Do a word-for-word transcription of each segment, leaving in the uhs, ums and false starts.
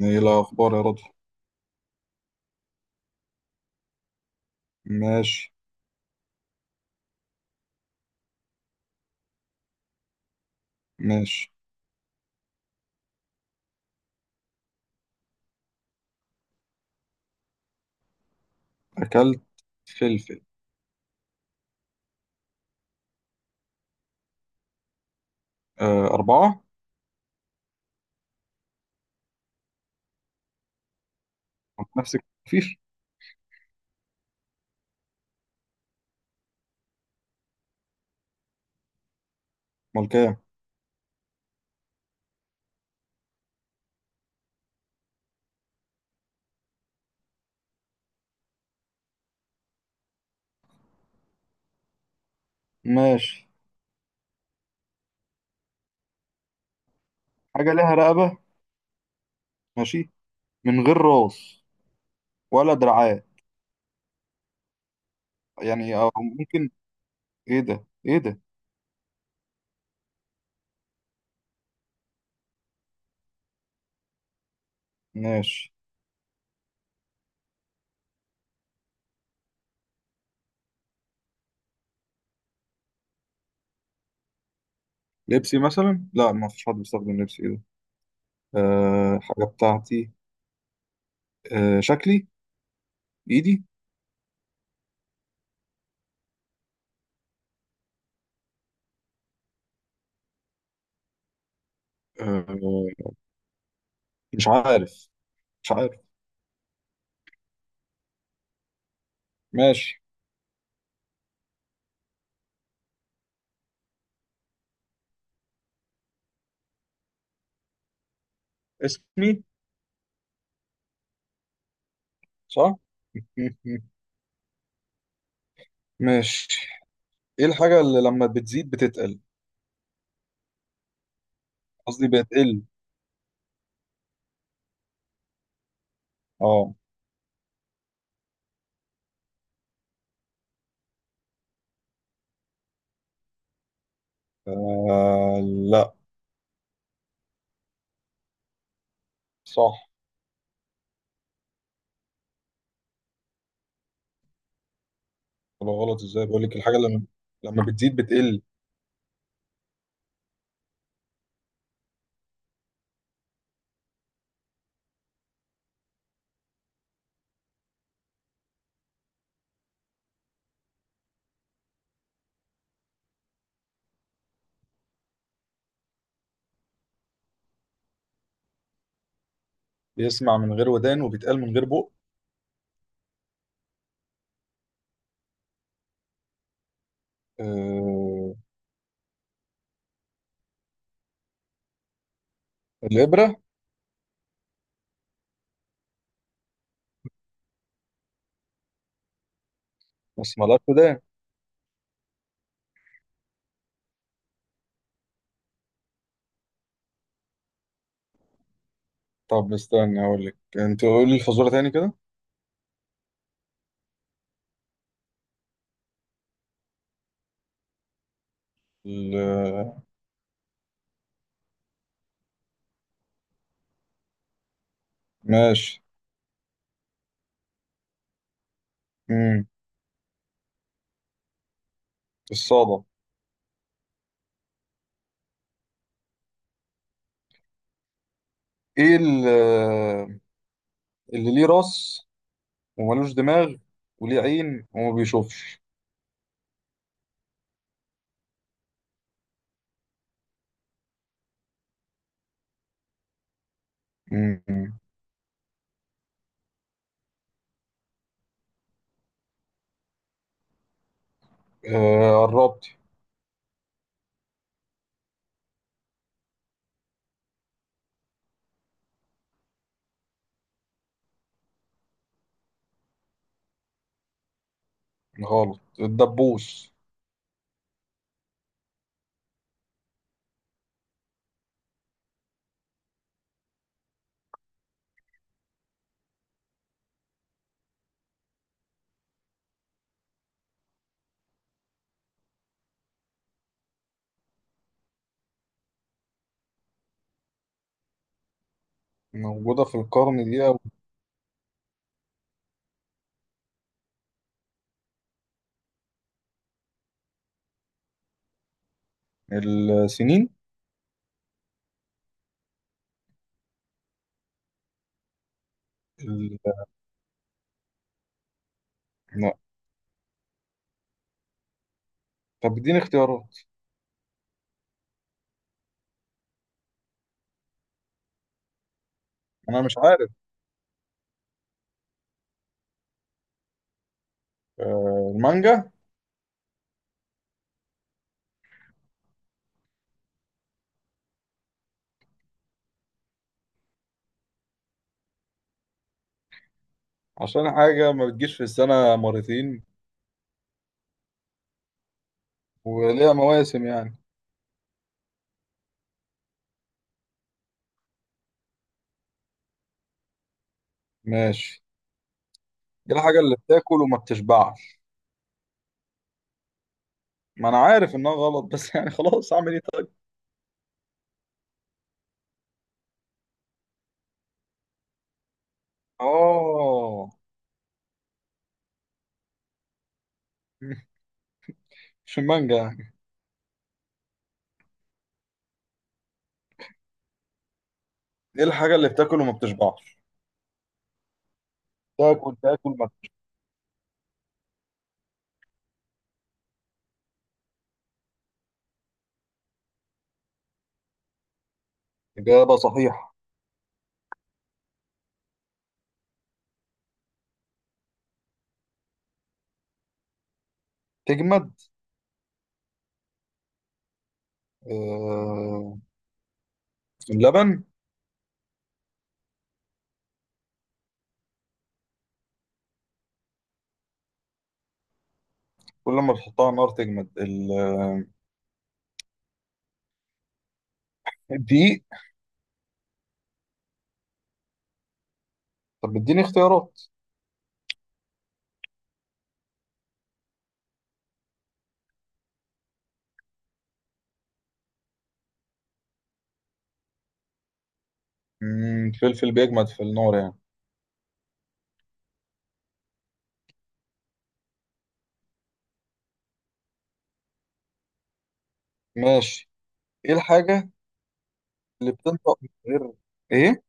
ايه الاخبار يا رضوى؟ ماشي. ماشي. اكلت فلفل. آه، اربعة. كنت نفسك مفيش؟ امال كام؟ ماشي. حاجة ليها رقبة. ماشي. من غير راس ولا دراعات. يعني او ممكن. ايه ده؟ ايه ده؟ ماشي. لبسي مثلا؟ لا، ما فيش حد بيستخدم لبسي. ايه ده؟ آه، حاجة بتاعتي. آه، شكلي. ايدي. آه، مش عارف. مش عارف. ماشي. اسمي. صح. ماشي. ايه الحاجة اللي لما بتزيد بتتقل؟ قصدي بتقل. اه. آه، لا. صح. ولا غلط ازاي؟ بقول لك الحاجة لما لما بتزيد بتقل. بيسمع من غير ودان وبيتقل من غير بق. آه، الإبرة. بس مالهاش ودان. طب استنى اقول لك، انت قولي الفزورة تاني كده. ال- آه، ماشي. امم الصادة. ايه ال- آه، اللي ليه راس وملوش دماغ وليه عين وما بيشوفش؟ امم. آه، قربت. غلط، الدبوس. موجودة في القرن دي، أو... السنين. ال... لا. طب اديني اختيارات. أنا مش عارف. آه، المانجا. عشان حاجة ما بتجيش في السنة مرتين وليها مواسم يعني. ماشي. دي الحاجة اللي بتاكل وما بتشبعش. ما أنا عارف إنها غلط، بس يعني خلاص، أعمل إيه طيب؟ آه. مش المانجا يعني؟ دي الحاجة اللي بتاكل وما بتشبعش. تاكل تاكل ما بت- إجابة صحيحة. تجمد. آه، اللبن. كل ما تحطها على النار تجمد، ال- الدقيق. طب اديني اختيارات. مم، فلفل بيجمد في النار يعني؟ ماشي. ايه الحاجة اللي بتنطق من غير ايه؟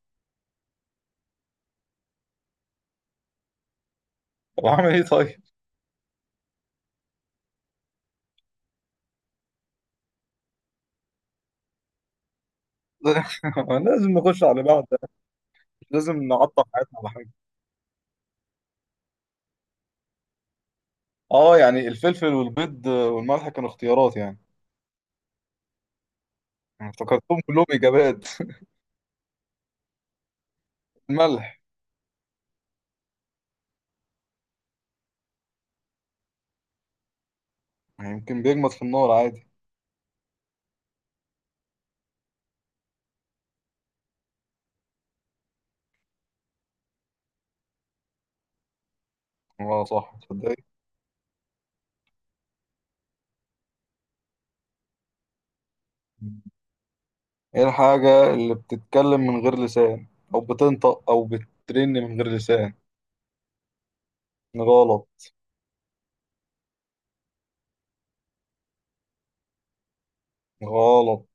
طب اعمل ايه طيب؟ لازم نخش على بعض. مش لازم نعطل حياتنا على حاجة. اه، يعني الفلفل والبيض والملح كانوا اختيارات يعني. أنا افتكرتهم كلهم اجابات. الملح. يمكن بيجمد في النار عادي. اه، صح. تصدق؟ ايه الحاجة اللي بتتكلم من غير لسان، او بتنطق او بترن من غير لسان؟ غلط. غلط.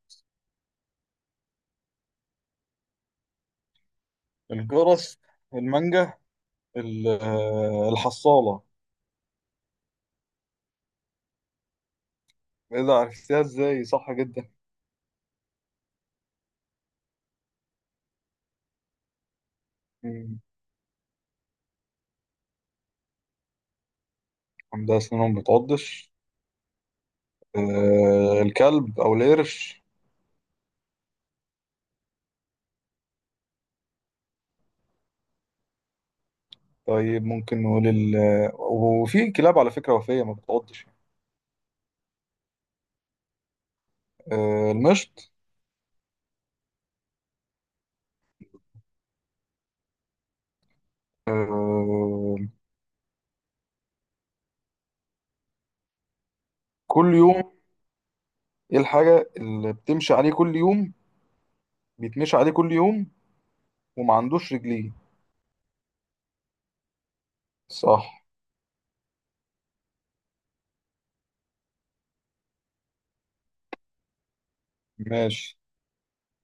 الجرس، المانجا، ال- آه، الحصالة. ايه ده؟ عرفتيها ازاي؟ صح جدا. مم. عندها سنون ما بتعضش. آه، الكلب او القرش. طيب ممكن نقول ال... آه، وفي كلاب على فكرة وفية ما بتعضش. آه، المشط. آه، كل يوم. ايه الحاجة اللي بتمشي عليه كل يوم، بيتمشي عليه كل يوم وما عندوش رجلين؟ صح. ماشي.